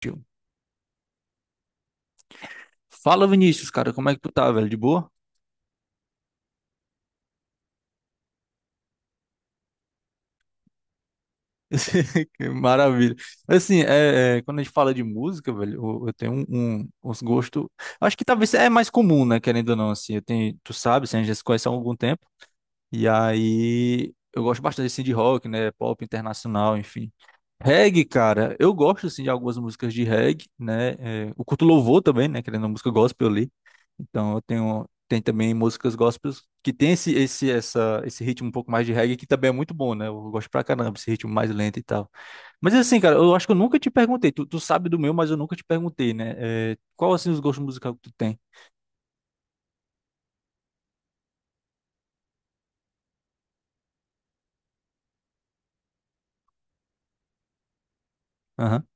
Tio. Fala, Vinícius, cara, como é que tu tá, velho? De boa? Que maravilha. Assim, quando a gente fala de música, velho, eu tenho um, uns gostos. Acho que talvez é mais comum, né? Querendo ou não, assim, eu tenho, tu sabe, assim, a gente já se conhece há algum tempo. E aí, eu gosto bastante assim, de rock, né? Pop internacional, enfim. Reggae, cara, eu gosto assim de algumas músicas de reggae, né? É, eu curto louvor também, né? Querendo uma música gospel ali. Então, eu tenho tem também músicas gospels que tem esse ritmo um pouco mais de reggae que também é muito bom, né? Eu gosto pra caramba esse ritmo mais lento e tal. Mas assim, cara, eu acho que eu nunca te perguntei. Tu sabe do meu, mas eu nunca te perguntei, né? É, qual assim os gostos musicais que tu tem? Aham.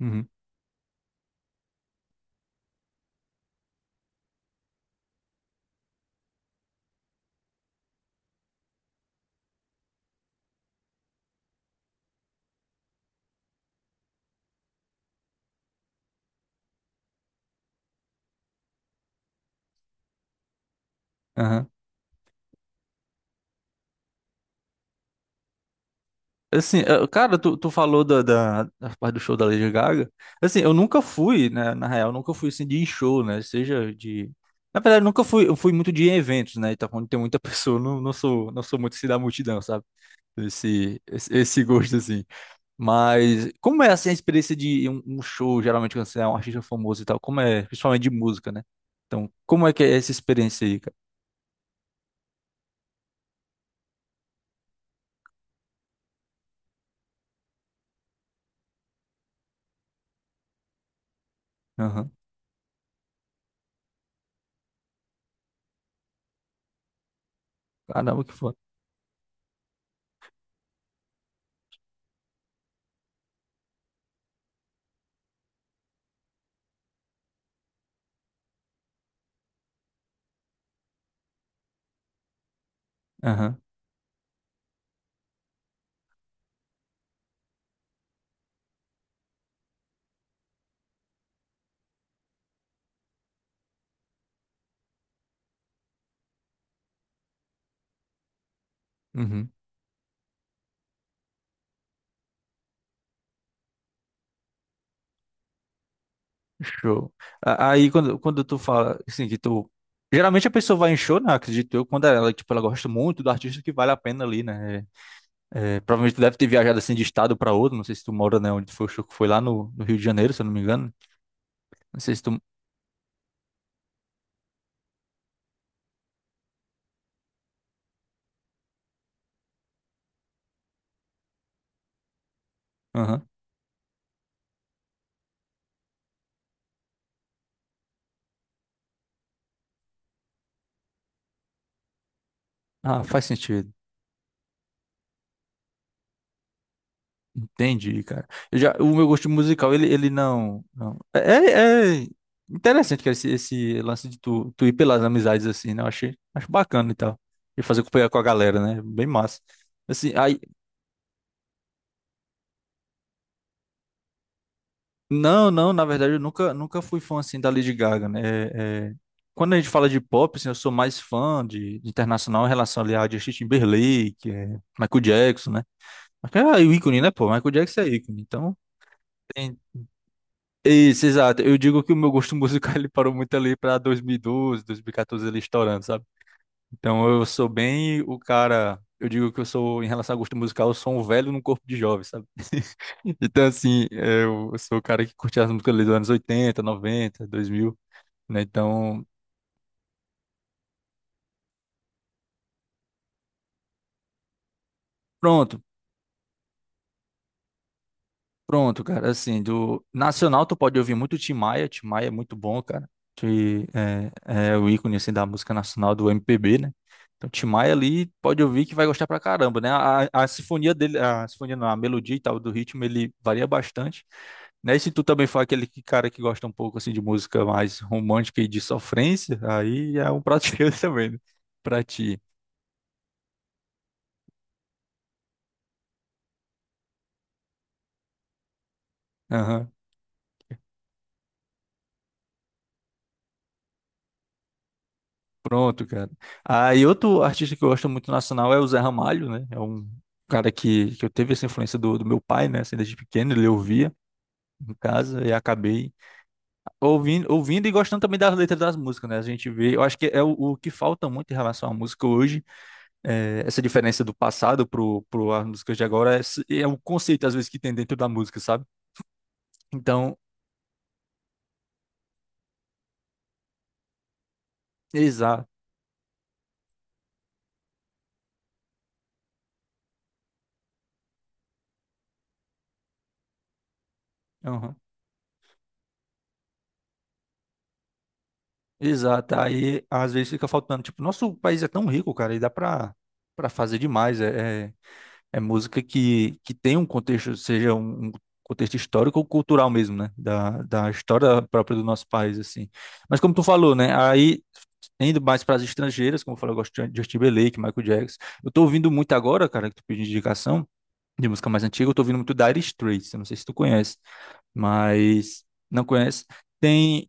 Uhum. Aham. Assim, cara, tu falou da parte do show da Lady Gaga. Assim, eu nunca fui, né? Na real, nunca fui assim de show, né? Seja de na verdade, nunca fui, eu fui muito de eventos, né? Então, quando tem muita pessoa, eu não sou, não sou muito assim da multidão, sabe? Esse gosto, assim. Mas como é, assim, a experiência de um, um show, geralmente, quando você é um artista famoso e tal? Como é, principalmente de música, né? Então, como é que é essa experiência aí, cara? Aham. Caramba, que foda. Aham. Uhum. Show. Aí, quando tu fala, assim, que tu... Geralmente a pessoa vai em show, né? Acredito eu, quando ela, tipo, ela gosta muito do artista que vale a pena ali, né? Provavelmente tu deve ter viajado, assim, de estado pra outro. Não sei se tu mora, né? Onde foi o show que foi lá no, no Rio de Janeiro, se eu não me engano. Não sei se tu... Aham. Ah, faz sentido. Entendi, cara. Eu já, o meu gosto musical, ele não, não. É interessante, cara, esse lance de tu ir pelas amizades assim, né? Acho bacana e tal. E fazer companhia com a galera, né? Bem massa. Assim, aí, não, na verdade, eu nunca, nunca fui fã assim da Lady Gaga, né? Quando a gente fala de pop, assim, eu sou mais fã de internacional em relação ali a Justin Timberlake, Michael Jackson, né? Mas, cara, é o ícone, né, pô? Michael Jackson é ícone. Então, isso, exato. Eu digo que o meu gosto musical ele parou muito ali para 2012, 2014 ele estourando, sabe? Então eu sou bem o cara, eu digo que eu sou em relação a gosto musical, eu sou um velho num corpo de jovem, sabe? Então assim, eu sou o cara que curte as músicas ali dos anos 80, 90, 2000, né? Então, pronto, pronto, cara, assim, do nacional tu pode ouvir muito Tim Maia, Tim Maia é muito bom, cara, é o ícone, assim, da música nacional do MPB, né? Então Tim Maia ali pode ouvir que vai gostar pra caramba, né? A sinfonia dele, a sinfonia não, a melodia e tal do ritmo, ele varia bastante, né? E se tu também for cara que gosta um pouco, assim, de música mais romântica e de sofrência, aí é um prato cheio também, né? Pra ti. Pronto, cara. Ah, e outro artista que eu gosto muito nacional é o Zé Ramalho, né? É um cara que eu teve essa influência do meu pai, né? Assim, desde pequeno, ele ouvia em casa e acabei ouvindo e gostando também das letras das músicas, né? A gente vê, eu acho que é o que falta muito em relação à música hoje, é, essa diferença do passado pro as músicas de agora, é o conceito, às vezes, que tem dentro da música, sabe? Então, exato. Exato, aí às vezes fica faltando. Tipo, nosso país é tão rico, cara, e dá pra fazer demais. É música que tem um contexto, seja um, um contexto histórico ou cultural mesmo, né? Da história própria do nosso país, assim. Mas como tu falou, né? Aí, indo mais para as estrangeiras, como eu falei, eu gosto de Justin Timberlake, Michael Jackson. Eu tô ouvindo muito agora, cara, que tu pediu indicação de música mais antiga, eu tô ouvindo muito Dire Straits, eu não sei se tu conhece, mas não conhece. Tem.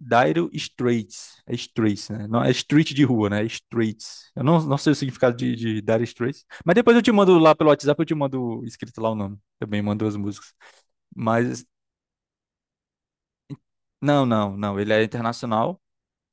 Dire Straits. É Straits, né? Não, é street de rua, né? É Straits. Eu não, não sei o significado de Dire Straits. Mas depois eu te mando lá pelo WhatsApp, eu te mando escrito lá o nome. Também mando as músicas. Mas, não. Ele é internacional.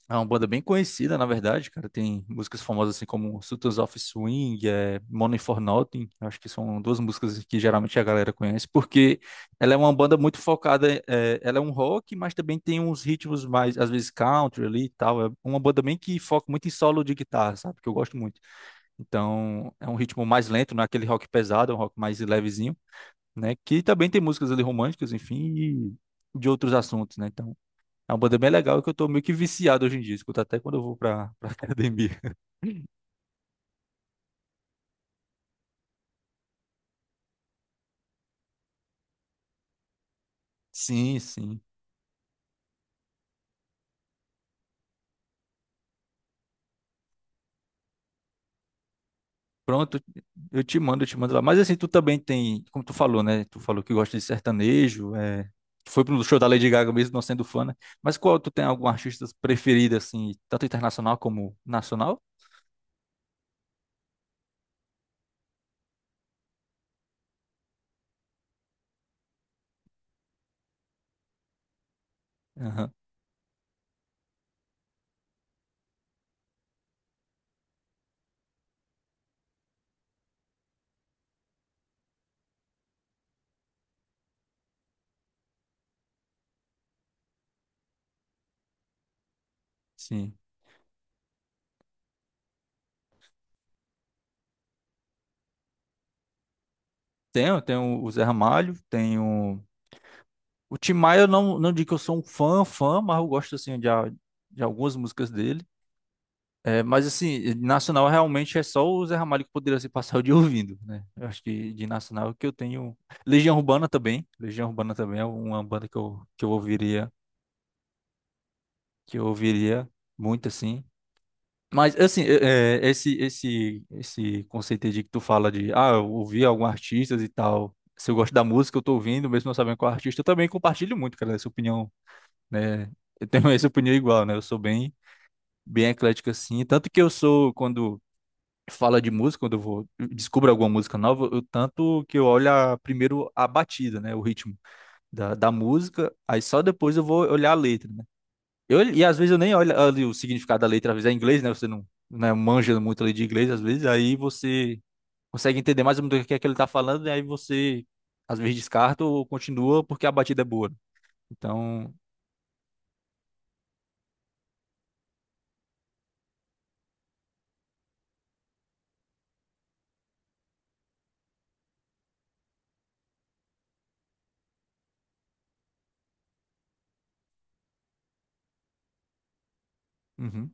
É uma banda bem conhecida, na verdade, cara. Tem músicas famosas assim como Sultans of Swing, é, Money for Nothing. Eu acho que são duas músicas assim, que geralmente a galera conhece, porque ela é uma banda muito focada. É, ela é um rock, mas também tem uns ritmos mais, às vezes, country ali e tal. É uma banda bem que foca muito em solo de guitarra, sabe? Que eu gosto muito. Então, é um ritmo mais lento, não é aquele rock pesado, é um rock mais levezinho, né? Que também tem músicas ali românticas, enfim, e de outros assuntos, né? Então. É uma banda bem legal que eu tô meio que viciado hoje em dia. Escuto até quando eu vou pra academia. Sim, sim. Pronto, eu te mando lá. Mas assim, tu também tem, como tu falou, né? Tu falou que gosta de sertanejo, é... tu foi pro show da Lady Gaga mesmo não sendo fã, né? Mas qual tu tem algum artista preferido, assim, tanto internacional como nacional? Aham, sim. Tenho, tenho o Zé Ramalho, tenho. O Tim Maia, eu não, não digo que eu sou um fã, mas eu gosto, assim, de algumas músicas dele. É, mas assim, nacional realmente é só o Zé Ramalho que poderia se passar o dia ouvindo, né? Eu acho que de nacional é o que eu tenho. Legião Urbana também. Legião Urbana também é uma banda que eu ouviria muito assim. Mas assim, esse conceito aí de que tu fala de, ah, eu ouvi alguns artistas e tal. Se eu gosto da música, eu tô ouvindo, mesmo não sabendo qual artista, eu também compartilho muito, cara, essa opinião, né? Eu tenho essa opinião igual, né? Eu sou bem eclético assim, tanto que eu sou quando fala de música, quando eu vou descubro alguma música nova, eu tanto que eu olho primeiro a batida, né, o ritmo da música, aí só depois eu vou olhar a letra, né? E às vezes eu nem olho ali o significado da letra, às vezes é em inglês, né? Você não, né, manja muito ali de inglês, às vezes aí você consegue entender mais ou menos o que é que ele tá falando, e aí você às vezes descarta ou continua porque a batida é boa, né? Então, uhum.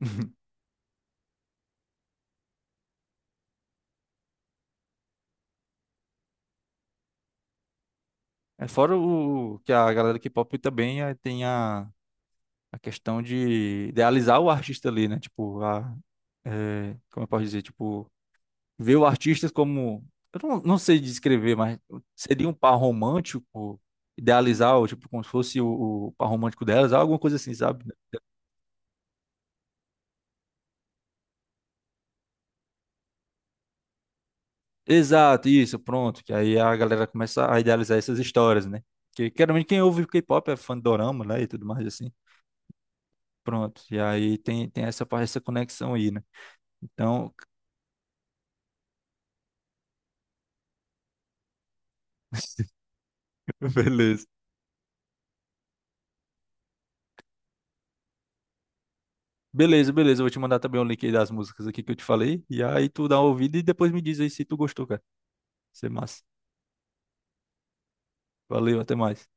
É fora o que a galera do K-pop também tem a questão de idealizar o artista ali, né? Tipo, como eu posso dizer? Tipo, ver o artista como. Eu não, não sei descrever, mas seria um par romântico, idealizar, ou, tipo, como se fosse o par romântico delas, alguma coisa assim, sabe? Exato, isso, pronto. Que aí a galera começa a idealizar essas histórias, né? Porque, geralmente, quem ouve K-pop é fã de dorama, né? E tudo mais assim. Pronto. E aí tem essa, essa conexão aí, né? Então, beleza. Beleza, beleza. Eu vou te mandar também o link aí das músicas aqui que eu te falei. E aí tu dá uma ouvida e depois me diz aí se tu gostou, cara. Isso é massa. Valeu, até mais.